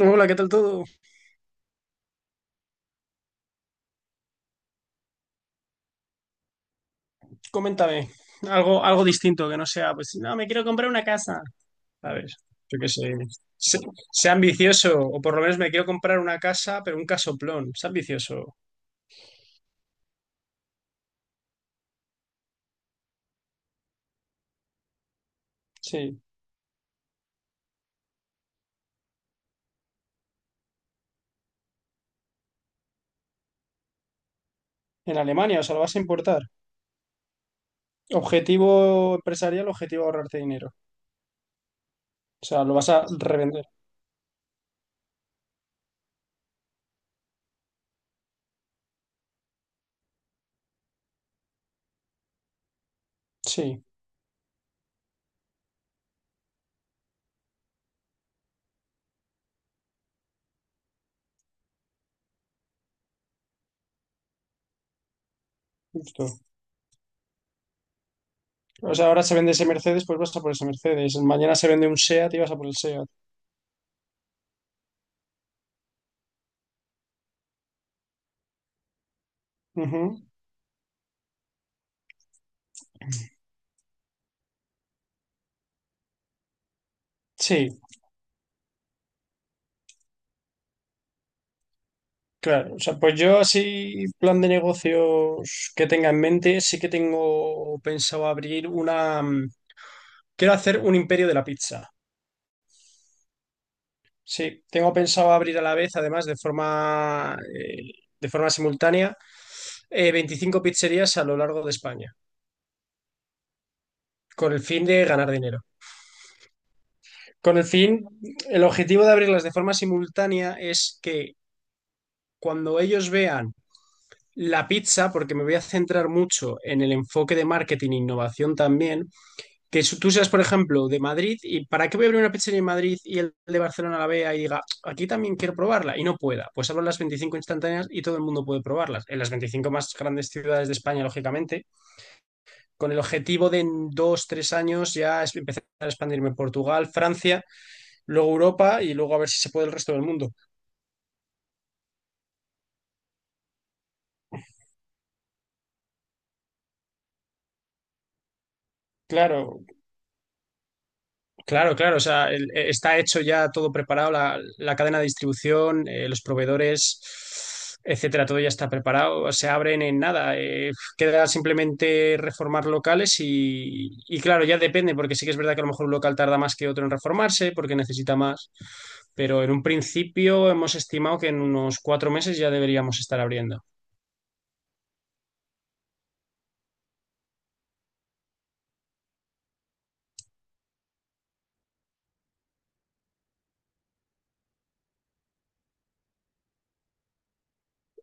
Hola, ¿qué tal todo? Coméntame algo distinto que no sea, pues, no, me quiero comprar una casa, ¿sabes? Yo qué sé, sé, sé ambicioso, o por lo menos me quiero comprar una casa, pero un casoplón, sé ambicioso. Sí, en Alemania, o sea, lo vas a importar. Objetivo empresarial, objetivo ahorrarte dinero. O sea, lo vas a revender. Sí, justo. O sea, ahora se vende ese Mercedes, pues vas a por ese Mercedes. Mañana se vende un SEAT y vas a por el SEAT. Ujú. Sí, claro, o sea, pues yo así, plan de negocios que tenga en mente, sí que tengo pensado abrir una... Quiero hacer un imperio de la pizza. Sí, tengo pensado abrir a la vez, además, de forma simultánea, 25 pizzerías a lo largo de España, con el fin de ganar dinero. Con el fin, el objetivo de abrirlas de forma simultánea es que cuando ellos vean la pizza, porque me voy a centrar mucho en el enfoque de marketing e innovación también, que tú seas, por ejemplo, de Madrid. Y ¿para qué voy a abrir una pizzería en Madrid y el de Barcelona la vea y diga, aquí también quiero probarla y no pueda? Pues abro las 25 instantáneas y todo el mundo puede probarlas. En las 25 más grandes ciudades de España, lógicamente, con el objetivo de en dos, tres años ya empezar a expandirme en Portugal, Francia, luego Europa y luego a ver si se puede el resto del mundo. Claro, claro, claro, o sea, está hecho ya todo preparado, la cadena de distribución, los proveedores, etcétera, todo ya está preparado, se abren en nada, queda simplemente reformar locales y claro, ya depende, porque sí que es verdad que a lo mejor un local tarda más que otro en reformarse, porque necesita más, pero en un principio hemos estimado que en unos 4 meses ya deberíamos estar abriendo.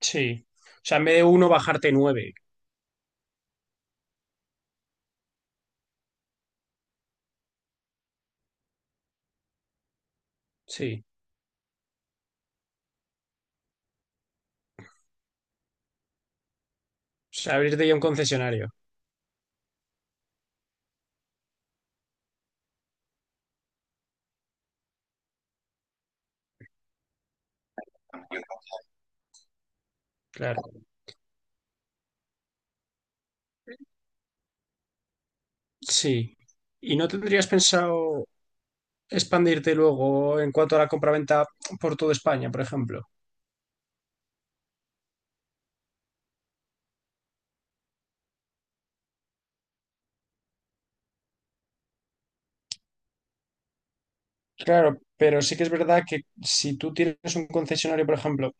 Sí, o sea, en vez de uno, bajarte nueve, sí, o sea, abrirte ya un concesionario, claro. Sí. ¿Y no tendrías pensado expandirte luego en cuanto a la compraventa por toda España, por ejemplo? Claro, pero sí que es verdad que si tú tienes un concesionario, por ejemplo,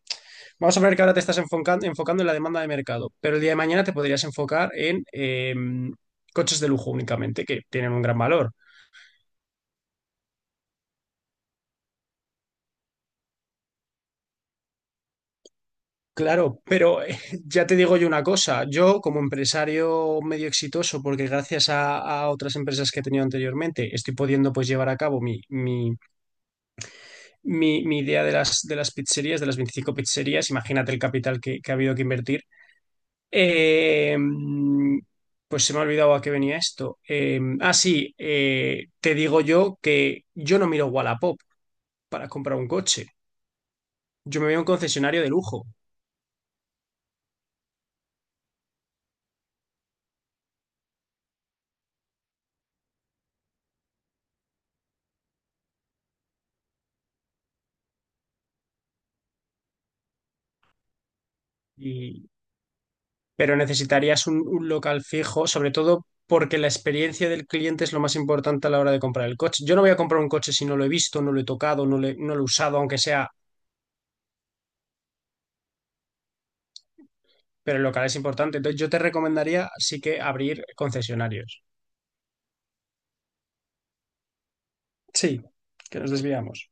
vamos a ver que ahora te estás enfocando en la demanda de mercado, pero el día de mañana te podrías enfocar en coches de lujo únicamente, que tienen un gran valor. Claro, pero ya te digo yo una cosa, yo como empresario medio exitoso, porque gracias a otras empresas que he tenido anteriormente, estoy pudiendo pues llevar a cabo mi idea de las pizzerías, de las 25 pizzerías. Imagínate el capital que ha habido que invertir. Eh, pues se me ha olvidado a qué venía esto. Sí, te digo yo que yo no miro Wallapop para comprar un coche. Yo me veo un concesionario de lujo, y, pero necesitarías un local fijo, sobre todo porque la experiencia del cliente es lo más importante a la hora de comprar el coche. Yo no voy a comprar un coche si no lo he visto, no lo he tocado, no, no lo he usado, aunque sea, pero el local es importante. Entonces yo te recomendaría sí que abrir concesionarios. Sí, que nos desviamos.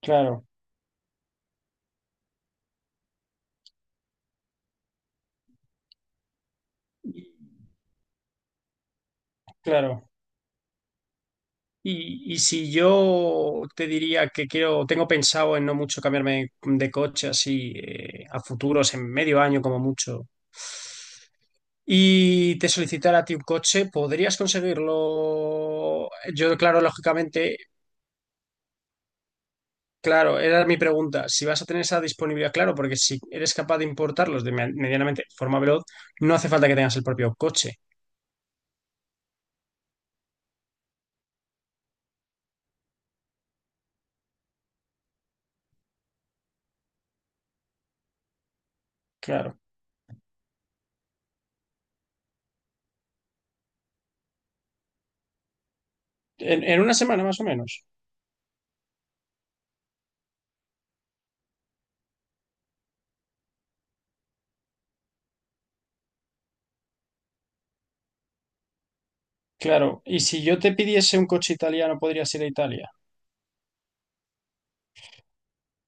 Claro, claro. Y si yo te diría que quiero, tengo pensado en no mucho cambiarme de coche así a futuros, en medio año como mucho, y te solicitara a ti un coche, ¿podrías conseguirlo? Yo, claro, lógicamente. Claro, era mi pregunta. Si vas a tener esa disponibilidad, claro, porque si eres capaz de importarlos de medianamente de forma veloz, no hace falta que tengas el propio coche. Claro. En una semana más o menos. Claro. Y si yo te pidiese un coche italiano, podrías ir a Italia.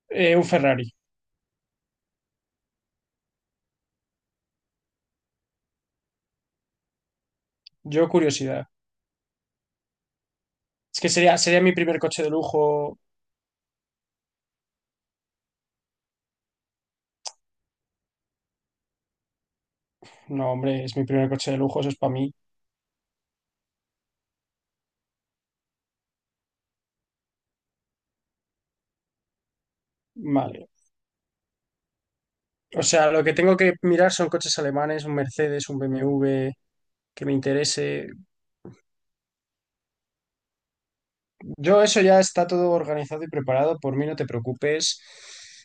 Un Ferrari. Yo curiosidad. Es que sería mi primer coche de lujo. No, hombre, es mi primer coche de lujo, eso es para mí. Vale. O sea, lo que tengo que mirar son coches alemanes, un Mercedes, un BMW, que me interese. Yo, eso ya está todo organizado y preparado, por mí no te preocupes.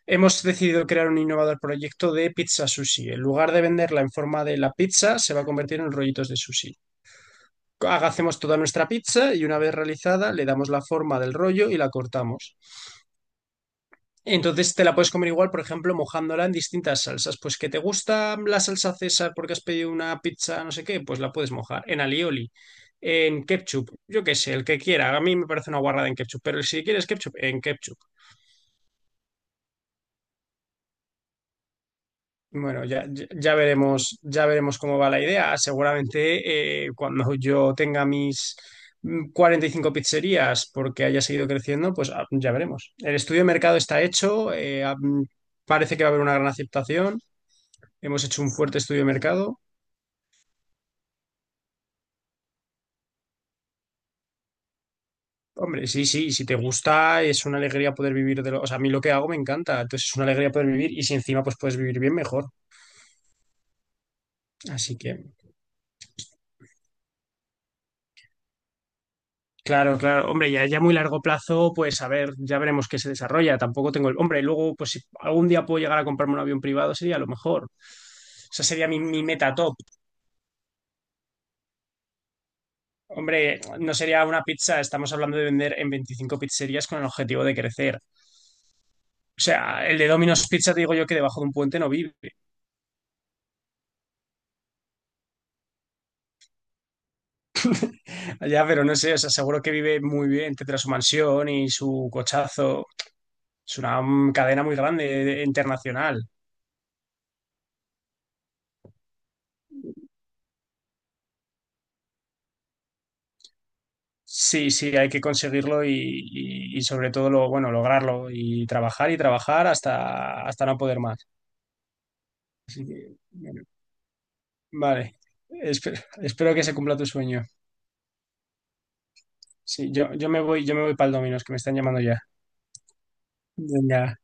Hemos decidido crear un innovador proyecto de pizza sushi. En lugar de venderla en forma de la pizza, se va a convertir en rollitos de sushi. Hacemos toda nuestra pizza y una vez realizada le damos la forma del rollo y la cortamos. Entonces te la puedes comer igual, por ejemplo, mojándola en distintas salsas. Pues que te gusta la salsa César porque has pedido una pizza, no sé qué, pues la puedes mojar en alioli, en ketchup, yo qué sé, el que quiera. A mí me parece una guarrada en ketchup, pero si quieres ketchup, en ketchup. Bueno, ya veremos, ya veremos cómo va la idea. Seguramente cuando yo tenga mis 45 pizzerías, porque haya seguido creciendo, pues ya veremos. El estudio de mercado está hecho, parece que va a haber una gran aceptación. Hemos hecho un fuerte estudio de mercado. Hombre, sí, sí, si te gusta, es una alegría poder vivir de lo... O sea, a mí lo que hago me encanta, entonces es una alegría poder vivir, y si encima pues puedes vivir bien, mejor. Así que... Claro, claro. Hombre, ya a muy largo plazo, pues a ver, ya veremos qué se desarrolla. Tampoco tengo el... Hombre, luego, pues si algún día puedo llegar a comprarme un avión privado, sería lo mejor. O sea, sería mi meta top. Hombre, no sería una pizza, estamos hablando de vender en 25 pizzerías con el objetivo de crecer. O sea, el de Domino's Pizza te digo yo que debajo de un puente no vive. Ya, pero no sé, o sea, seguro que vive muy bien, tendrá su mansión y su cochazo. Es una cadena muy grande, internacional. Sí, sí, hay que conseguirlo y sobre todo lo, bueno, lograrlo y trabajar hasta, hasta no poder más. Así que, bueno, vale, espero que se cumpla tu sueño. Sí, yo me voy para el Domino's, que me están llamando ya. Venga.